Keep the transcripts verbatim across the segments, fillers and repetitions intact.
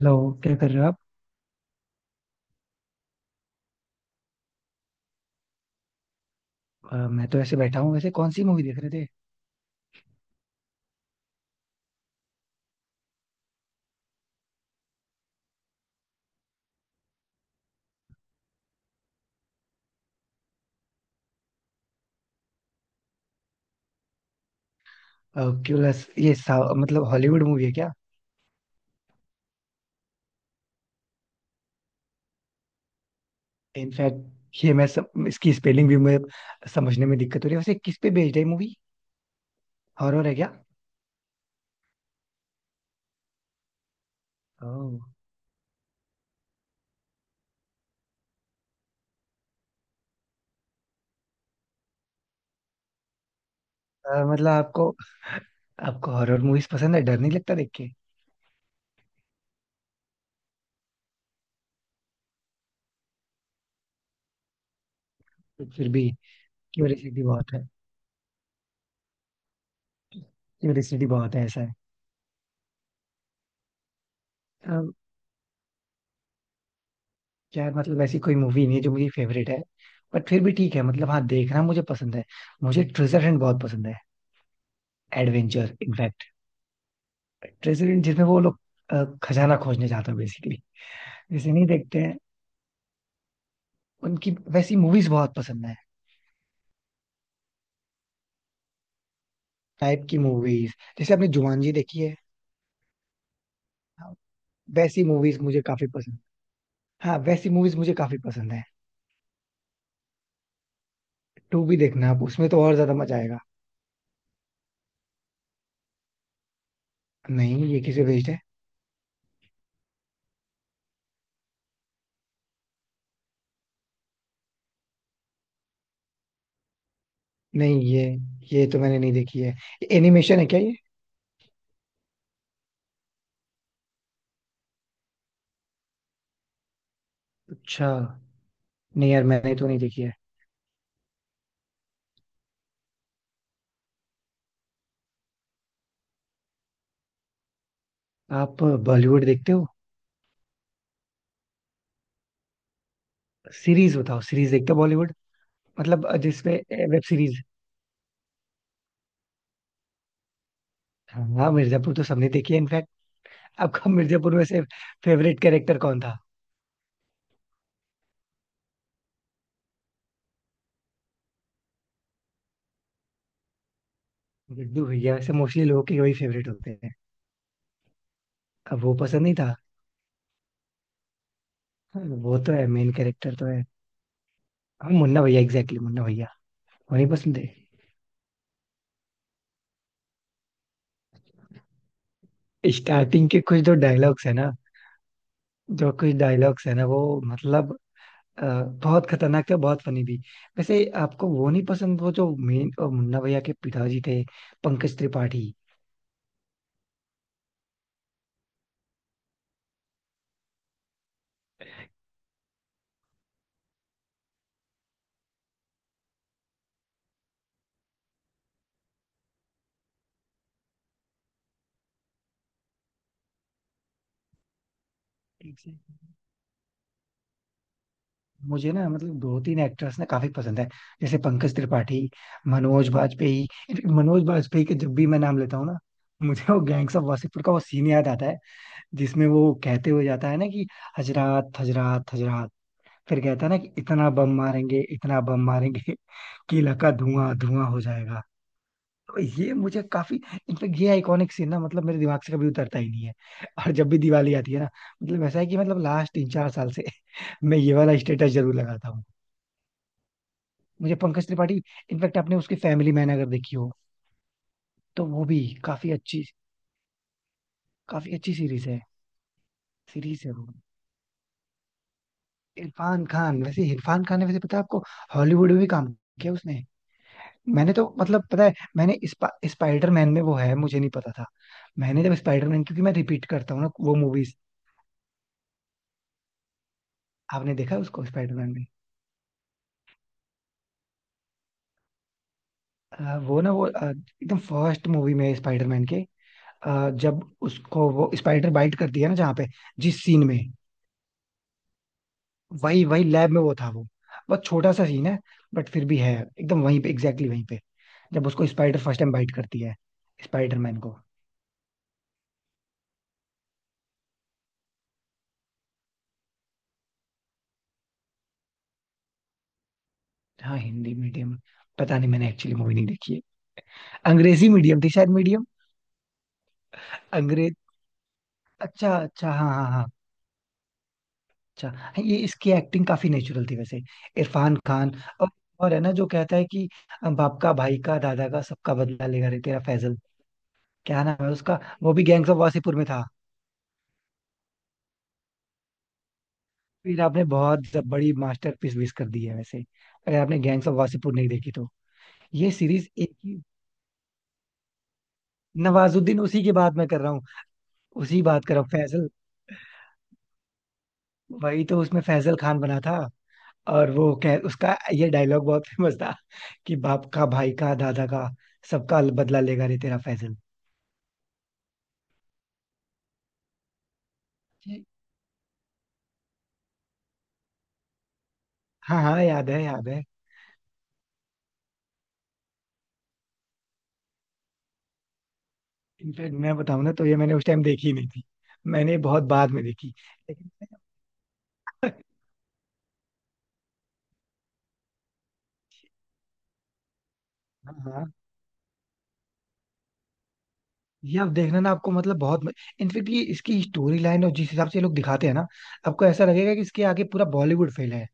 Hello. क्या कर रहे हो आप। अ, मैं तो ऐसे बैठा हूँ। वैसे कौन सी मूवी देख रहे थे? क्यूलेस? ये सा- मतलब हॉलीवुड मूवी है क्या? इनफैक्ट ये मैं सम, इसकी स्पेलिंग भी मैं समझने में दिक्कत हो रही है। वैसे किस पे बेस्ड है मूवी? हॉरर है क्या? ओह। अ, मतलब आपको, आपको हॉरर मूवीज पसंद है? डर नहीं लगता देख के? तो फिर भी क्यूरियोसिटी बहुत है, क्यूरियोसिटी बहुत है, ऐसा है। अ, यार मतलब ऐसी कोई मूवी नहीं है जो मेरी फेवरेट है। बट फिर भी ठीक है, मतलब हाँ, देखना मुझे पसंद है। मुझे ट्रेजर हंट बहुत पसंद है। एडवेंचर ट्रेजरी जिसमें वो लोग अ, खजाना खोजने जाते हैं बेसिकली। जैसे नहीं देखते हैं उनकी वैसी मूवीज बहुत पसंद है। टाइप की मूवीज जैसे। आपने जुमानजी देखी है? हाँ, वैसी मूवीज मुझे काफी पसंद हाँ, वैसी मूवीज मुझे काफी पसंद है। टू भी देखना आप, उसमें तो और ज्यादा मजा आएगा। नहीं, ये किसे बेस्ड है? नहीं ये ये तो मैंने नहीं देखी है। एनिमेशन है क्या ये? अच्छा। नहीं यार, मैंने तो नहीं देखी है। आप बॉलीवुड देखते हो? सीरीज बताओ, सीरीज देखते हो बॉलीवुड? मतलब अ, जिसपे वेब सीरीज। हाँ, मिर्जापुर तो सबने देखी है इनफैक्ट। आपका मिर्जापुर में से फेवरेट कैरेक्टर कौन था? गुड्डू भैया वैसे मोस्टली लोगों के वही फेवरेट होते हैं। अब वो पसंद नहीं था? हाँ, वो तो है, मेन कैरेक्टर तो है। हाँ, मुन्ना भैया, एग्जैक्टली, मुन्ना भैया। वही पसंद है। स्टार्टिंग के कुछ जो डायलॉग्स है ना, जो कुछ डायलॉग्स है ना वो, मतलब अ, बहुत खतरनाक थे, बहुत फनी भी। वैसे आपको वो नहीं पसंद, वो जो मेन मुन्ना भैया के पिताजी थे, पंकज त्रिपाठी। मुझे ना मतलब दो तीन एक्टर्स ना काफी पसंद है, जैसे पंकज त्रिपाठी, मनोज बाजपेयी। इनफैक्ट मनोज बाजपेयी का जब भी मैं नाम लेता हूँ ना, मुझे वो गैंग्स ऑफ वासेपुर का वो सीन याद आता है, जिसमें वो कहते हुए जाता है ना कि हजरात, हजरात, हजरात। फिर कहता है ना कि इतना बम मारेंगे, इतना बम मारेंगे कि इलाका धुआं धुआं हो जाएगा। तो ये मुझे काफी, इनफेक्ट ये आइकॉनिक सीन ना, मतलब मेरे दिमाग से कभी उतरता ही नहीं है। और जब भी दिवाली आती है ना, मतलब ऐसा है कि मतलब लास्ट तीन चार साल से मैं ये वाला स्टेटस जरूर लगाता हूँ। मुझे पंकज त्रिपाठी, इनफैक्ट आपने उसकी फैमिली मैन अगर देखी हो तो वो भी काफी अच्छी, काफी अच्छी सीरीज है। सीरीज है वो। इरफान खान, वैसे इरफान खान ने, वैसे पता है आपको, हॉलीवुड में भी काम किया उसने। मैंने तो मतलब पता है, मैंने स्पा, स्पाइडरमैन में वो है मुझे नहीं पता था। मैंने जब स्पाइडरमैन, क्योंकि मैं रिपीट करता हूँ ना वो मूवीज। आपने देखा है उसको स्पाइडरमैन में? अ, वो ना वो अ, एकदम फर्स्ट मूवी में स्पाइडरमैन के, अ, जब उसको वो स्पाइडर बाइट करती है ना, जहाँ पे, जिस सीन में, वही वही लैब में वो था, वो बहुत छोटा सा सीन है, बट फिर भी है। एकदम वहीं पे, एग्जैक्टली exactly वहीं पे। जब उसको स्पाइडर फर्स्ट टाइम बाइट करती है, स्पाइडरमैन को। हाँ, हिंदी मीडियम। पता नहीं, मैंने एक्चुअली मूवी नहीं देखी है। अंग्रेजी मीडियम थी शायद, मीडियम। अंग्रेज अच्छा अच्छा, हाँ हाँ हाँ। अच्छा, हाँ, ये इसकी एक्टिंग काफी नेचुरल थी वैसे, इरफान खान। और और है ना जो कहता है कि अ, बाप का, भाई का, दादा का, सबका बदला लेगा रे तेरा फैजल। क्या नाम है उसका? वो भी गैंग्स ऑफ वासीपुर में था। फिर आपने बहुत ज- बड़ी मास्टरपीस मिस कर दी है वैसे, अगर आपने गैंग्स ऑफ वासेपुर नहीं देखी तो। ये सीरीज एक ही। नवाजुद्दीन, उसी की बात मैं कर रहा हूँ। उसी बात कर रहा हूँ, फैजल, वही तो उसमें फैजल खान बना था। और वो कह, उसका ये डायलॉग बहुत फेमस था कि बाप का, भाई का, दादा का, सबका बदला लेगा रे तेरा फैजल। जी। हाँ हाँ, याद है, याद है। इनफैक्ट मैं बताऊं ना तो ये मैंने उस टाइम देखी नहीं थी, मैंने बहुत बाद में देखी, लेकिन। हाँ हाँ। ये आप देखना ना, आपको मतलब बहुत, इनफेक्ट ये इसकी स्टोरी लाइन और जिस हिसाब से ये लोग दिखाते हैं ना, आपको ऐसा लगेगा कि इसके आगे पूरा बॉलीवुड फेल है।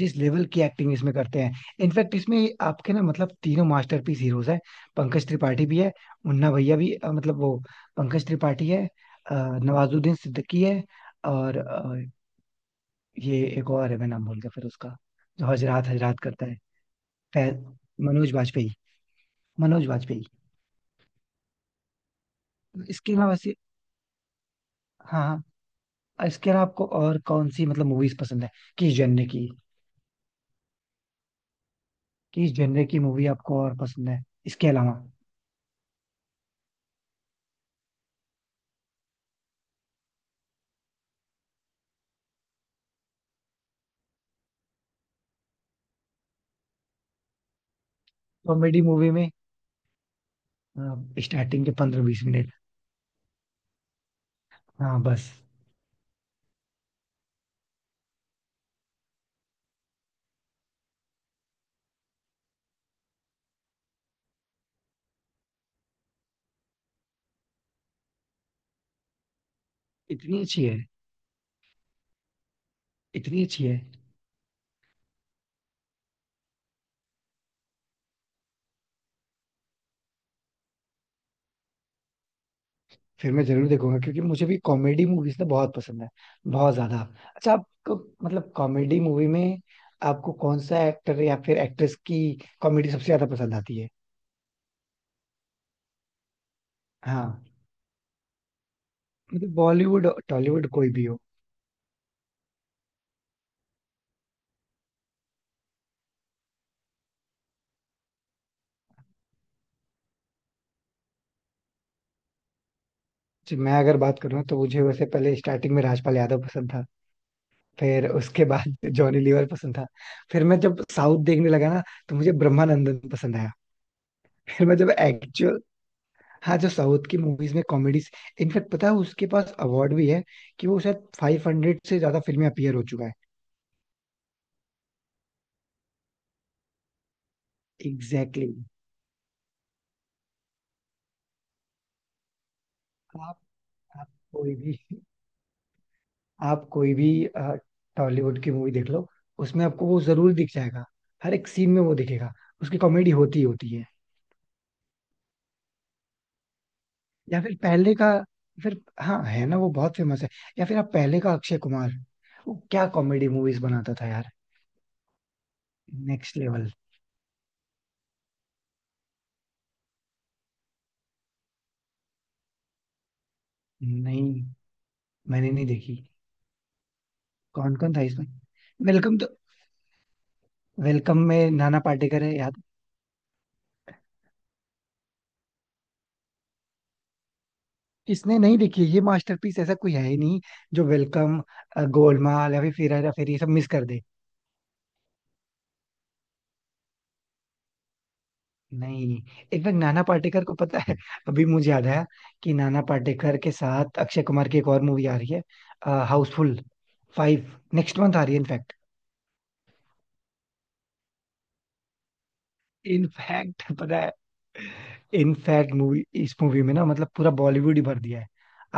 जिस लेवल की एक्टिंग इसमें करते हैं। इनफैक्ट इसमें आपके ना मतलब तीनों मास्टरपीस हीरोज हैं। पंकज त्रिपाठी भी है, मुन्ना भैया भी, अ, मतलब वो पंकज त्रिपाठी है, अ, नवाजुद्दीन सिद्दीकी है, और अ, ये एक और है, मैं नाम भूल गया फिर उसका, जो हजरात हजरात करता है। फै- मनोज वाजपेयी, मनोज वाजपेयी, इसके अलावा से। हाँ हाँ। इसके अलावा आपको और कौन सी मतलब मूवीज पसंद है, किस जनरे की किस जनरे की मूवी आपको और पसंद है, इसके अलावा? कॉमेडी मूवी में स्टार्टिंग के पंद्रह बीस मिनट। हाँ बस। इतनी अच्छी है? इतनी अच्छी है? फिर मैं जरूर देखूंगा, क्योंकि मुझे भी कॉमेडी मूवीज ना बहुत पसंद है, बहुत ज्यादा। अच्छा, आपको मतलब कॉमेडी मूवी में, आपको कौन सा एक्टर या फिर एक्ट्रेस की कॉमेडी सबसे ज्यादा पसंद आती है? हाँ, मतलब बॉलीवुड, टॉलीवुड, कोई भी हो। जी, मैं अगर बात करूँ तो मुझे वैसे पहले स्टार्टिंग में राजपाल यादव पसंद था, फिर उसके बाद जॉनी लीवर पसंद था। फिर मैं जब साउथ देखने लगा ना, तो मुझे ब्रह्मानंदन पसंद आया। फिर मैं जब एक्चुअल, हाँ, जो साउथ की मूवीज में कॉमेडीज, इनफैक्ट पता है उसके पास अवार्ड भी है कि वो शायद फाइव हंड्रेड से ज्यादा फिल्में अपीयर हो चुका है। Exactly exactly. आप, आप कोई भी आप कोई भी टॉलीवुड की मूवी देख लो, उसमें आपको वो जरूर दिख जाएगा। हर एक सीन में वो दिखेगा, उसकी कॉमेडी होती ही होती है। या फिर पहले का, फिर हाँ, है ना, वो बहुत फेमस है। या फिर आप पहले का अक्षय कुमार, वो क्या कॉमेडी मूवीज बनाता था यार, नेक्स्ट लेवल। नहीं, मैंने नहीं देखी। कौन कौन था इसमें? वेलकम तो, वेलकम में नाना पाटेकर है, याद। इसने नहीं देखी है, ये मास्टरपीस, ऐसा कोई है ही नहीं जो वेलकम, गोलमाल या फिर फिर हेरा फेरी ये सब मिस कर दे। नहीं। इनफैक्ट नाना पाटेकर को, पता है अभी मुझे याद आया, कि नाना पाटेकर के साथ अक्षय कुमार की एक और मूवी आ रही है, हाउसफुल फाइव, नेक्स्ट मंथ आ रही है इनफैक्ट। इनफैक्ट पता है, इनफैक्ट मूवी इस मूवी में ना मतलब पूरा बॉलीवुड ही भर दिया है।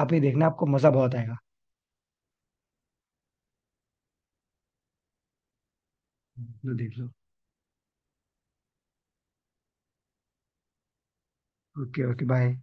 आप ये देखना, आपको मजा बहुत आएगा। देख लो देख लो। Okay okay, bye.